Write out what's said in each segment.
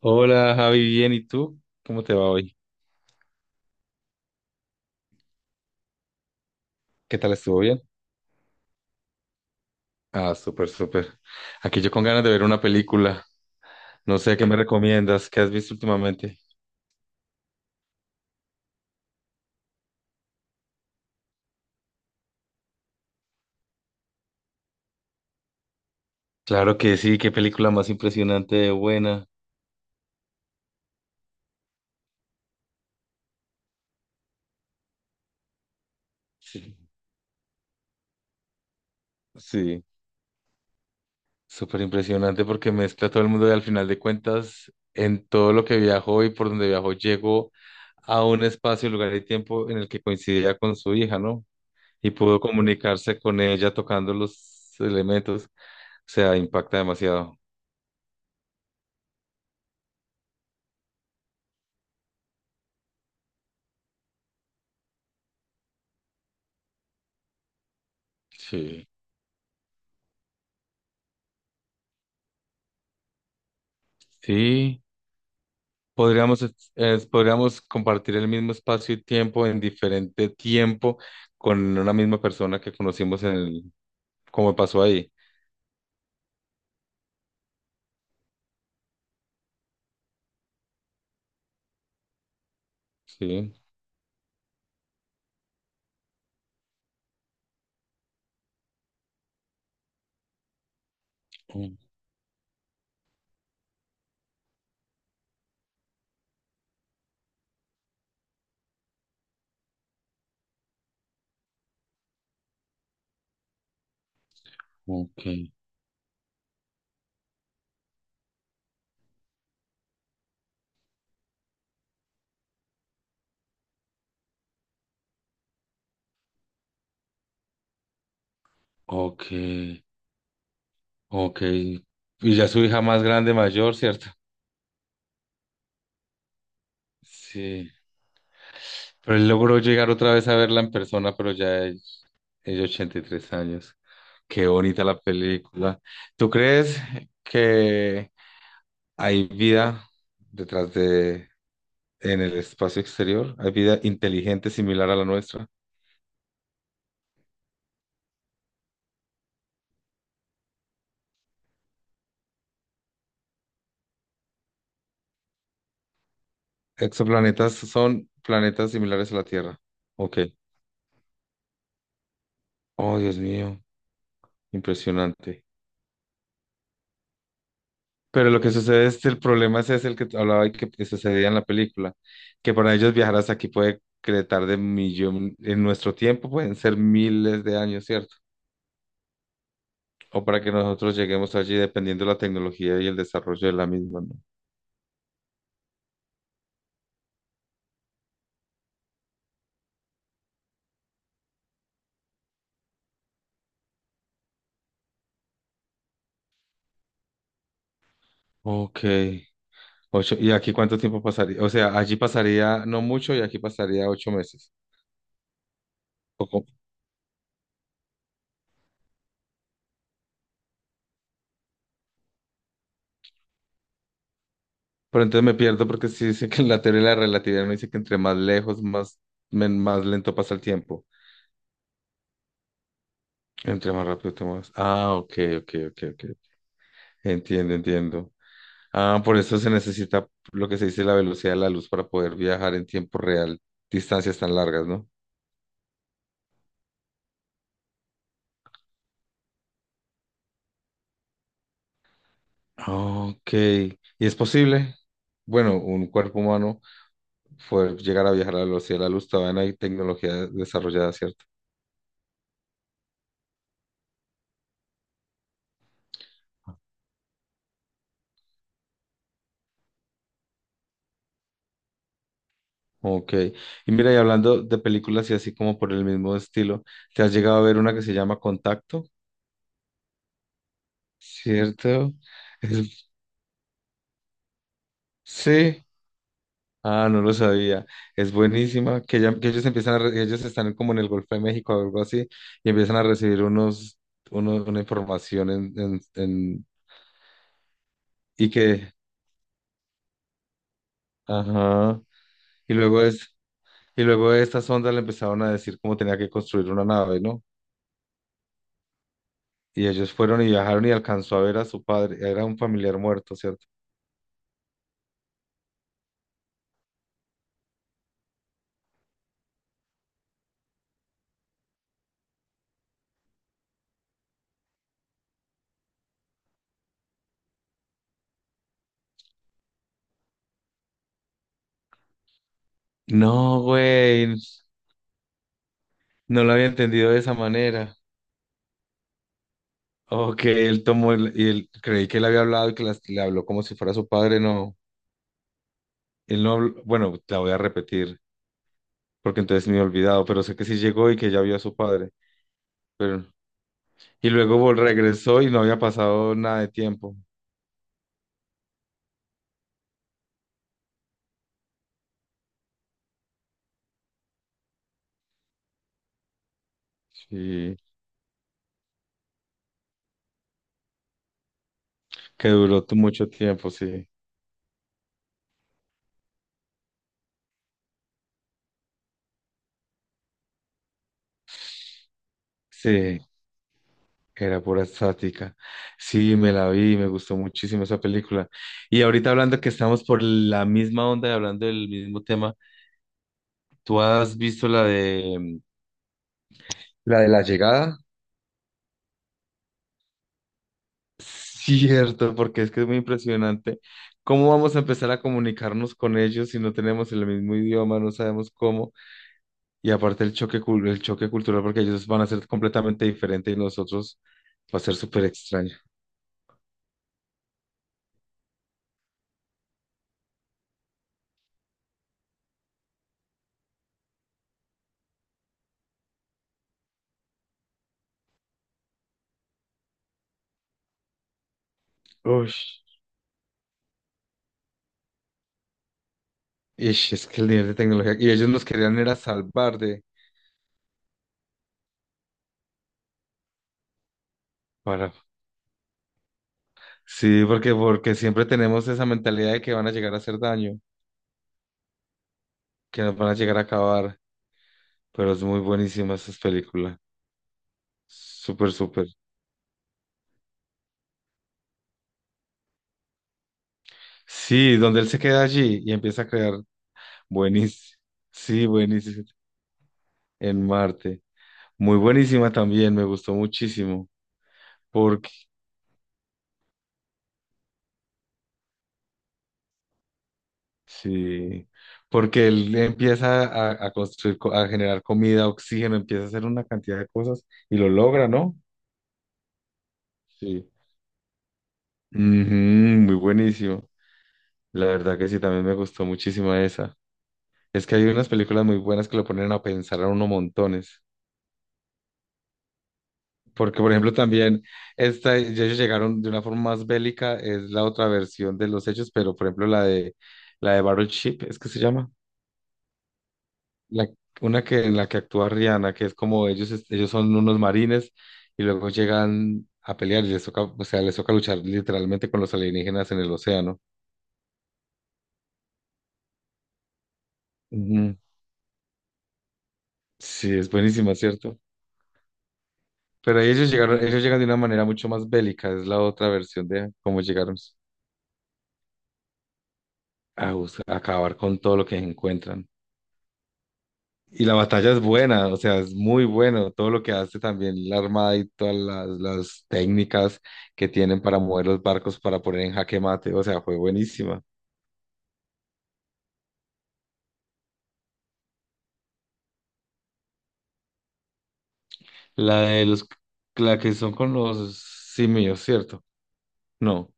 Hola Javi, bien, ¿y tú? ¿Cómo te va hoy? ¿Qué tal estuvo bien? Ah, súper, súper. Aquí yo con ganas de ver una película. No sé, ¿qué me recomiendas? ¿Qué has visto últimamente? Claro que sí, qué película más impresionante de buena. Sí, sí, súper impresionante porque mezcla todo el mundo y al final de cuentas, en todo lo que viajó y por donde viajó, llegó a un espacio, lugar y tiempo en el que coincidía con su hija, ¿no? Y pudo comunicarse con ella tocando los elementos. Sea, impacta demasiado. Sí. Sí, podríamos, podríamos compartir el mismo espacio y tiempo en diferente tiempo con una misma persona que conocimos en el, como pasó ahí. Sí. Oh, ok, ok, ok. Y ya su hija más grande, mayor, ¿cierto? Sí. Pero él logró llegar otra vez a verla en persona, pero ya es de 83 años. Qué bonita la película. ¿Tú crees que hay vida detrás de, en el espacio exterior, hay vida inteligente similar a la nuestra. Exoplanetas son planetas similares a la Tierra. Ok. Oh, Dios mío, impresionante. Pero lo que sucede es el problema ese es ese el que te hablaba y que sucedía en la película, que para ellos viajar hasta aquí puede que le tarde millón, en nuestro tiempo pueden ser miles de años, ¿cierto? O para que nosotros lleguemos allí dependiendo de la tecnología y el desarrollo de la misma, ¿no? Ok. Ocho, ¿y aquí cuánto tiempo pasaría? O sea, allí pasaría no mucho y aquí pasaría 8 meses. ¿O cómo? Pero entonces me pierdo porque sí dice que en la teoría de la relatividad me dice que entre más lejos, más, más lento pasa el tiempo. Entre más rápido te muevas. Ah, ok, ok, ok, ok. Entiendo, entiendo. Ah, por eso se necesita lo que se dice la velocidad de la luz para poder viajar en tiempo real, distancias tan largas, ¿no? Ok. ¿Y es posible? Bueno, un cuerpo humano. Fue llegar a viajar a la velocidad de la luz, todavía no hay tecnología desarrollada, ¿cierto? Ok. Y mira, y hablando de películas y así como por el mismo estilo, ¿te has llegado a ver una que se llama Contacto? ¿Cierto? Es- Sí. Ah, no lo sabía. Es buenísima. Que, que ellos empiezan a ellos están como en el Golfo de México o algo así, y empiezan a recibir unos, una información en. Y que, ajá. Y luego es, y luego estas ondas le empezaron a decir cómo tenía que construir una nave, ¿no? Y ellos fueron y viajaron y alcanzó a ver a su padre. Era un familiar muerto, ¿cierto? No, güey, no lo había entendido de esa manera. O que él tomó y él creí que él había hablado y que le habló como si fuera su padre. No, él no habló. Bueno, la voy a repetir porque entonces me he olvidado, pero sé que sí llegó y que ya vio a su padre. Pero, y luego regresó y no había pasado nada de tiempo. Sí, que duró mucho tiempo, sí. Sí. Era pura estática. Sí, me la vi, me gustó muchísimo esa película. Y ahorita hablando que estamos por la misma onda y hablando del mismo tema, ¿tú has visto la de la de la llegada? Cierto, porque es que es muy impresionante. ¿Cómo vamos a empezar a comunicarnos con ellos si no tenemos el mismo idioma, no sabemos cómo? Y aparte el choque, el choque cultural, porque ellos van a ser completamente diferentes y nosotros va a ser súper extraño. Uy, es que el nivel de tecnología, y ellos nos querían era salvar de, para. Sí, porque, porque siempre tenemos esa mentalidad de que van a llegar a hacer daño, que nos van a llegar a acabar, pero es muy buenísima esa película. Súper, súper. Sí, donde él se queda allí y empieza a crear. Buenísimo. Sí, buenísimo. En Marte. Muy buenísima también, me gustó muchísimo. Porque, sí, porque él empieza a construir, a generar comida, oxígeno, empieza a hacer una cantidad de cosas y lo logra, ¿no? Sí. Ujú, muy buenísimo. La verdad que sí, también me gustó muchísimo esa. Es que hay unas películas muy buenas que lo ponen a pensar a uno montones. Porque, por ejemplo, también esta, ya ellos llegaron de una forma más bélica, es la otra versión de los hechos, pero por ejemplo la de Battleship, es que se llama, la, una que en la que actúa Rihanna, que es como ellos, ellos son unos marines y luego llegan a pelear y les toca, o sea, les toca luchar literalmente con los alienígenas en el océano. Ujú. Sí, es buenísima, ¿cierto? Pero ahí ellos llegaron, ellos llegan de una manera mucho más bélica, es la otra versión de cómo llegaron a, a acabar con todo lo que encuentran. Y la batalla es buena, o sea, es muy bueno, todo lo que hace también la armada y todas las técnicas que tienen para mover los barcos, para poner en jaque mate, o sea, fue buenísima. La de los, la que son con los simios, ¿cierto? No,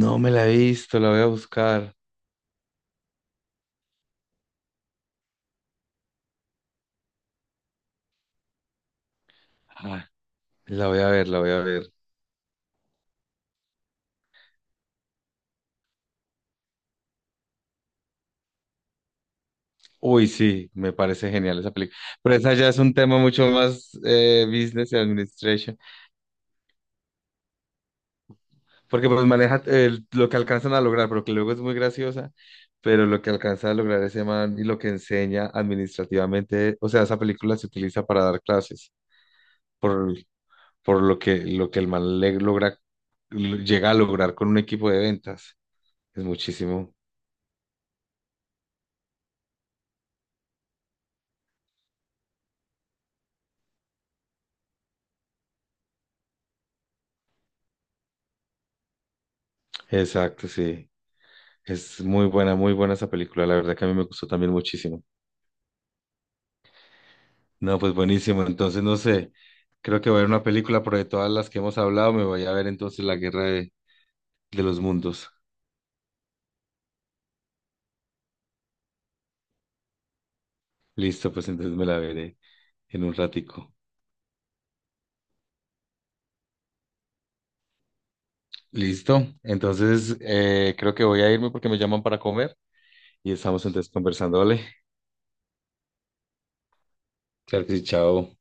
no me la he visto, la voy a buscar. Ah, la voy a ver, la voy a ver. Uy, sí, me parece genial esa película. Pero esa ya es un tema mucho más business y administration, porque pues maneja lo que alcanzan a lograr, pero que luego es muy graciosa, pero lo que alcanza a lograr ese man y lo que enseña administrativamente, o sea, esa película se utiliza para dar clases, por, por lo que el man le logra, llega a lograr con un equipo de ventas. Es muchísimo. Exacto, sí. Es muy buena esa película. La verdad que a mí me gustó también muchísimo. No, pues buenísimo. Entonces, no sé, creo que voy a ver una película, pero de todas las que hemos hablado, me voy a ver entonces La Guerra de los Mundos. Listo, pues entonces me la veré en un ratico. Listo. Entonces, creo que voy a irme porque me llaman para comer y estamos entonces conversando, ¿vale? Claro que sí, chao.